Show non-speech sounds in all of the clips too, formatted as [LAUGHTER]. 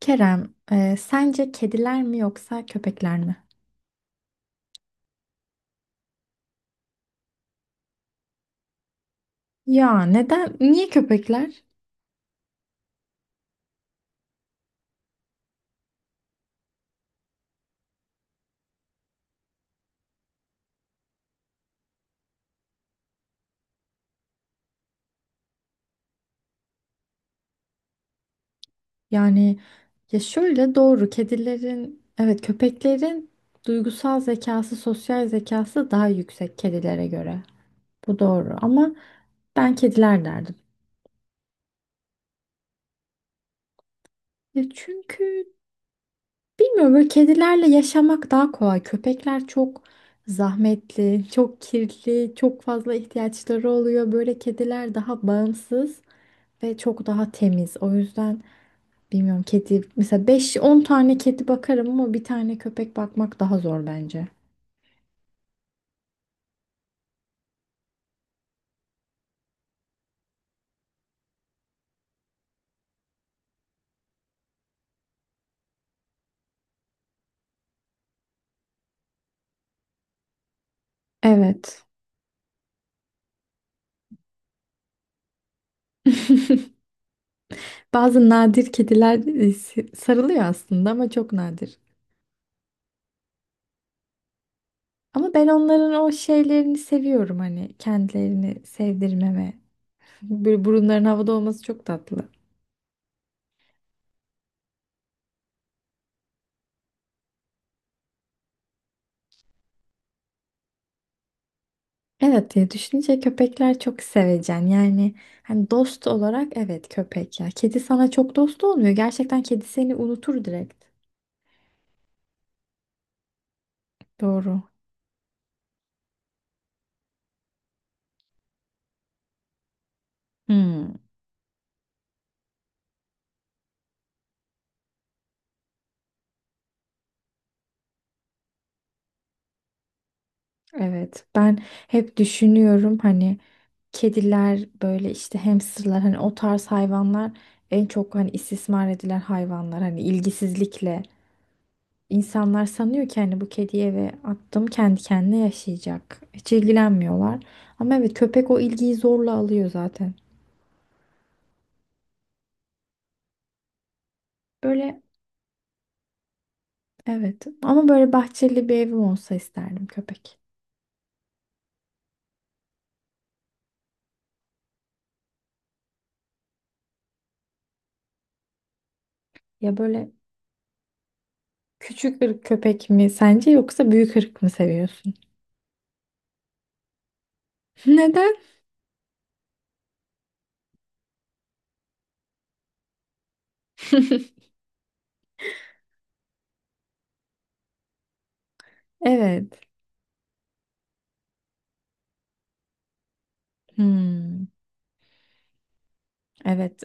Kerem, sence kediler mi yoksa köpekler mi? Ya neden? Niye köpekler? Yani Ya şöyle doğru kedilerin, evet, köpeklerin duygusal zekası, sosyal zekası daha yüksek kedilere göre. Bu doğru ama ben kediler derdim. Ya çünkü bilmiyorum, böyle kedilerle yaşamak daha kolay. Köpekler çok zahmetli, çok kirli, çok fazla ihtiyaçları oluyor. Böyle kediler daha bağımsız ve çok daha temiz. O yüzden bilmiyorum, kedi mesela 5-10 tane kedi bakarım ama bir tane köpek bakmak daha zor bence. Evet. [LAUGHS] Bazı nadir kediler, sarılıyor aslında ama çok nadir. Ama ben onların o şeylerini seviyorum, hani kendilerini sevdirmeme. Böyle burunların havada olması çok tatlı. Evet, diye düşününce köpekler çok sevecen. Yani hani dost olarak evet, köpek ya. Kedi sana çok dost olmuyor. Gerçekten kedi seni unutur direkt. Doğru. Hmm, evet. Ben hep düşünüyorum, hani kediler böyle, işte hamsterlar, hani o tarz hayvanlar en çok hani istismar edilen hayvanlar, hani ilgisizlikle. İnsanlar sanıyor ki hani bu kediyi eve attım, kendi kendine yaşayacak. Hiç ilgilenmiyorlar. Ama evet, köpek o ilgiyi zorla alıyor zaten. Böyle evet, ama böyle bahçeli bir evim olsa isterdim köpek. Ya böyle küçük ırk köpek mi sence yoksa büyük ırk mı seviyorsun? [LAUGHS] Neden? Evet. Hmm. Evet.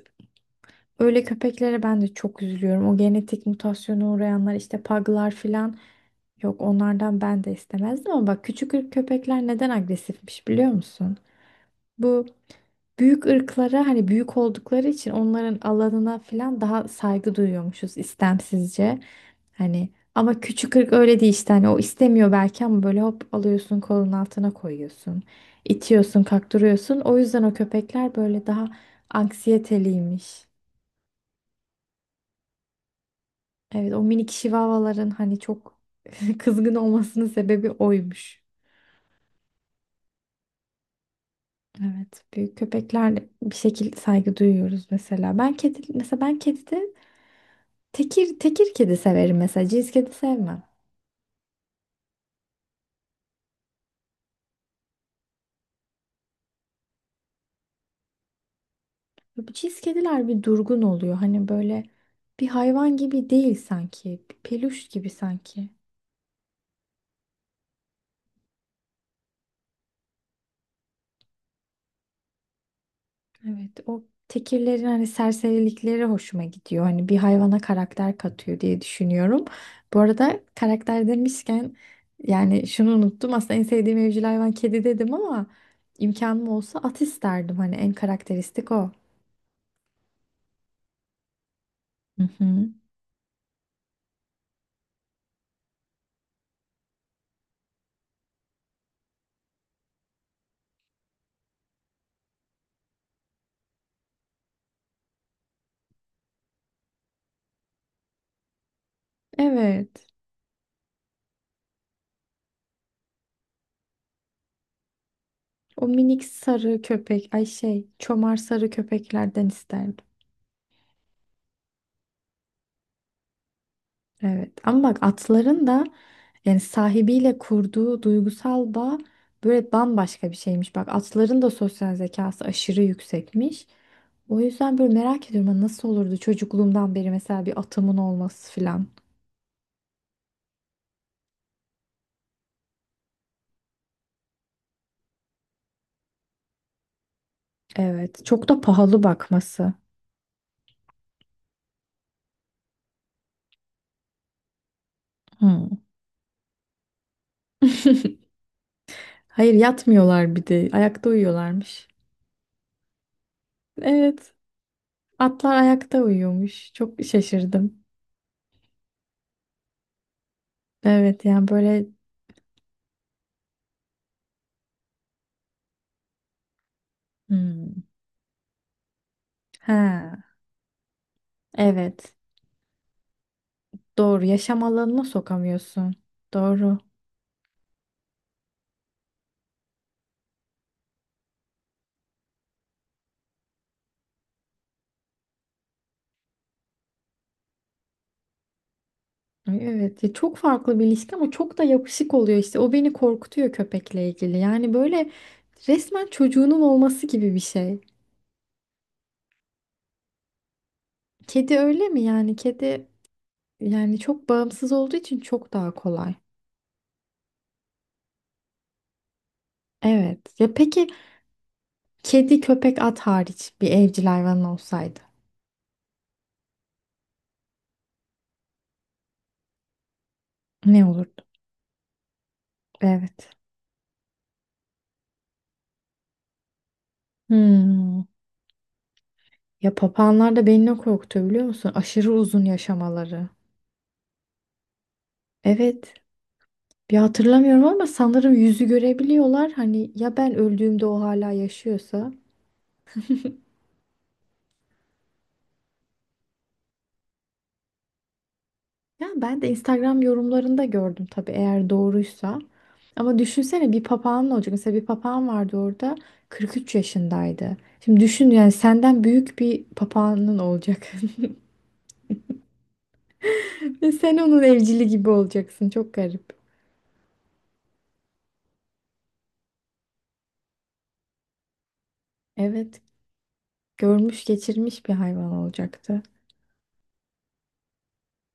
Öyle köpeklere ben de çok üzülüyorum. O genetik mutasyona uğrayanlar, işte paglar filan. Yok, onlardan ben de istemezdim ama bak, küçük ırk köpekler neden agresifmiş biliyor musun? Bu büyük ırklara hani, büyük oldukları için onların alanına falan daha saygı duyuyormuşuz istemsizce. Hani ama küçük ırk öyle değil, işte hani o istemiyor belki ama böyle hop alıyorsun, kolun altına koyuyorsun. İtiyorsun kaktırıyorsun. O yüzden o köpekler böyle daha anksiyeteliymiş. Evet, o minik şivavaların hani çok [LAUGHS] kızgın olmasının sebebi oymuş. Evet, büyük köpeklerle bir şekilde saygı duyuyoruz mesela. Ben kedi mesela, ben kedide tekir tekir kedi severim mesela. Cins kedi sevmem. Bu cins kediler bir durgun oluyor. Hani böyle bir hayvan gibi değil sanki. Bir peluş gibi sanki. Evet, o tekirlerin hani serserilikleri hoşuma gidiyor. Hani bir hayvana karakter katıyor diye düşünüyorum. Bu arada karakter demişken, yani şunu unuttum. Aslında en sevdiğim evcil hayvan kedi dedim ama imkanım olsa at isterdim. Hani en karakteristik o. Hı hı. Evet. O minik sarı köpek, ay şey, çomar sarı köpeklerden isterdim. Evet ama bak, atların da yani sahibiyle kurduğu duygusal bağ böyle bambaşka bir şeymiş. Bak, atların da sosyal zekası aşırı yüksekmiş. O yüzden böyle merak ediyorum, hani nasıl olurdu çocukluğumdan beri mesela bir atımın olması filan. Evet, çok da pahalı bakması. Hmm. [LAUGHS] Hayır, yatmıyorlar, bir de ayakta uyuyorlarmış. Evet, atlar ayakta uyuyormuş. Çok şaşırdım. Evet yani böyle hmm. Ha evet. Doğru. Yaşam alanına sokamıyorsun. Doğru. Ay, evet. Ya çok farklı bir ilişki ama çok da yapışık oluyor işte. O beni korkutuyor köpekle ilgili. Yani böyle resmen çocuğunun olması gibi bir şey. Kedi öyle mi yani? Kedi yani çok bağımsız olduğu için çok daha kolay. Evet. Ya peki kedi, köpek, at hariç bir evcil hayvanın olsaydı ne olurdu? Evet. Hmm. Ya papağanlar da beni ne korkutuyor biliyor musun? Aşırı uzun yaşamaları. Evet. Bir hatırlamıyorum ama sanırım yüzü görebiliyorlar. Hani ya ben öldüğümde o hala yaşıyorsa. Ya ben de Instagram yorumlarında gördüm tabii, eğer doğruysa. Ama düşünsene, bir papağan ne olacak? Mesela bir papağan vardı orada, 43 yaşındaydı. Şimdi düşün yani, senden büyük bir papağanın olacak. [LAUGHS] Ve sen onun evcili gibi olacaksın. Çok garip. Evet, görmüş geçirmiş bir hayvan olacaktı.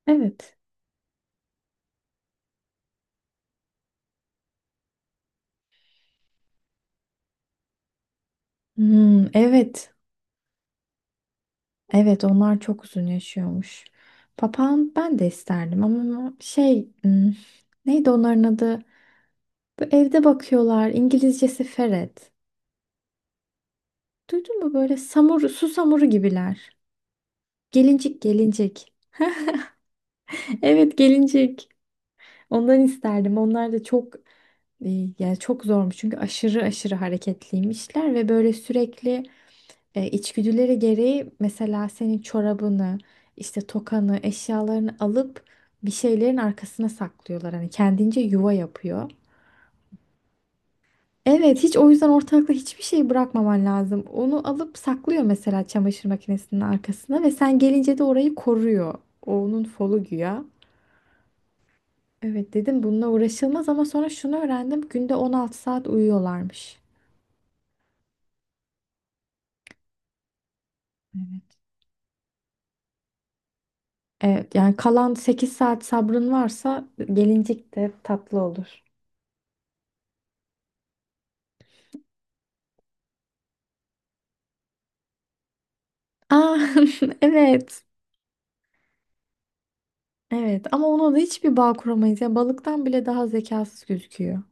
Evet. Hmm, evet. Evet, onlar çok uzun yaşıyormuş. Papağan ben de isterdim ama şey, hmm, neydi onların adı? Bu evde bakıyorlar. İngilizcesi ferret. Duydun mu, böyle samur, su samuru gibiler. Gelincik, gelincik. [LAUGHS] Evet, gelincik. Ondan isterdim. Onlar da çok, e, yani çok zormuş çünkü aşırı aşırı hareketliymişler ve böyle sürekli içgüdüleri gereği mesela senin çorabını, işte tokanı, eşyalarını alıp bir şeylerin arkasına saklıyorlar. Hani kendince yuva yapıyor. Evet, hiç o yüzden ortalıkta hiçbir şey bırakmaman lazım. Onu alıp saklıyor mesela çamaşır makinesinin arkasına ve sen gelince de orayı koruyor. O onun folu güya. Evet dedim, bununla uğraşılmaz, ama sonra şunu öğrendim. Günde 16 saat uyuyorlarmış. Evet. Evet yani kalan 8 saat sabrın varsa gelincik de tatlı olur. Aa, [LAUGHS] evet. Evet ama ona da hiçbir bağ kuramayız. Ya balıktan bile daha zekasız gözüküyor.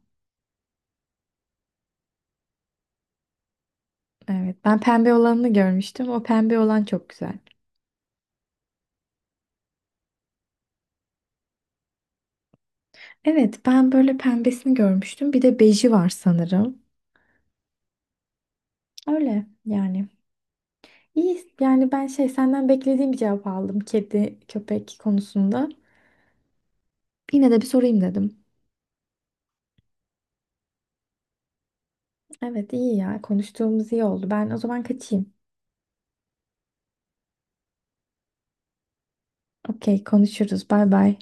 Evet, ben pembe olanını görmüştüm. O pembe olan çok güzel. Evet, ben böyle pembesini görmüştüm. Bir de beji var sanırım. Öyle yani. İyi, yani ben şey, senden beklediğim bir cevap aldım kedi köpek konusunda. Yine de bir sorayım dedim. Evet, iyi ya, konuştuğumuz iyi oldu. Ben o zaman kaçayım. Okey, konuşuruz. Bay bay.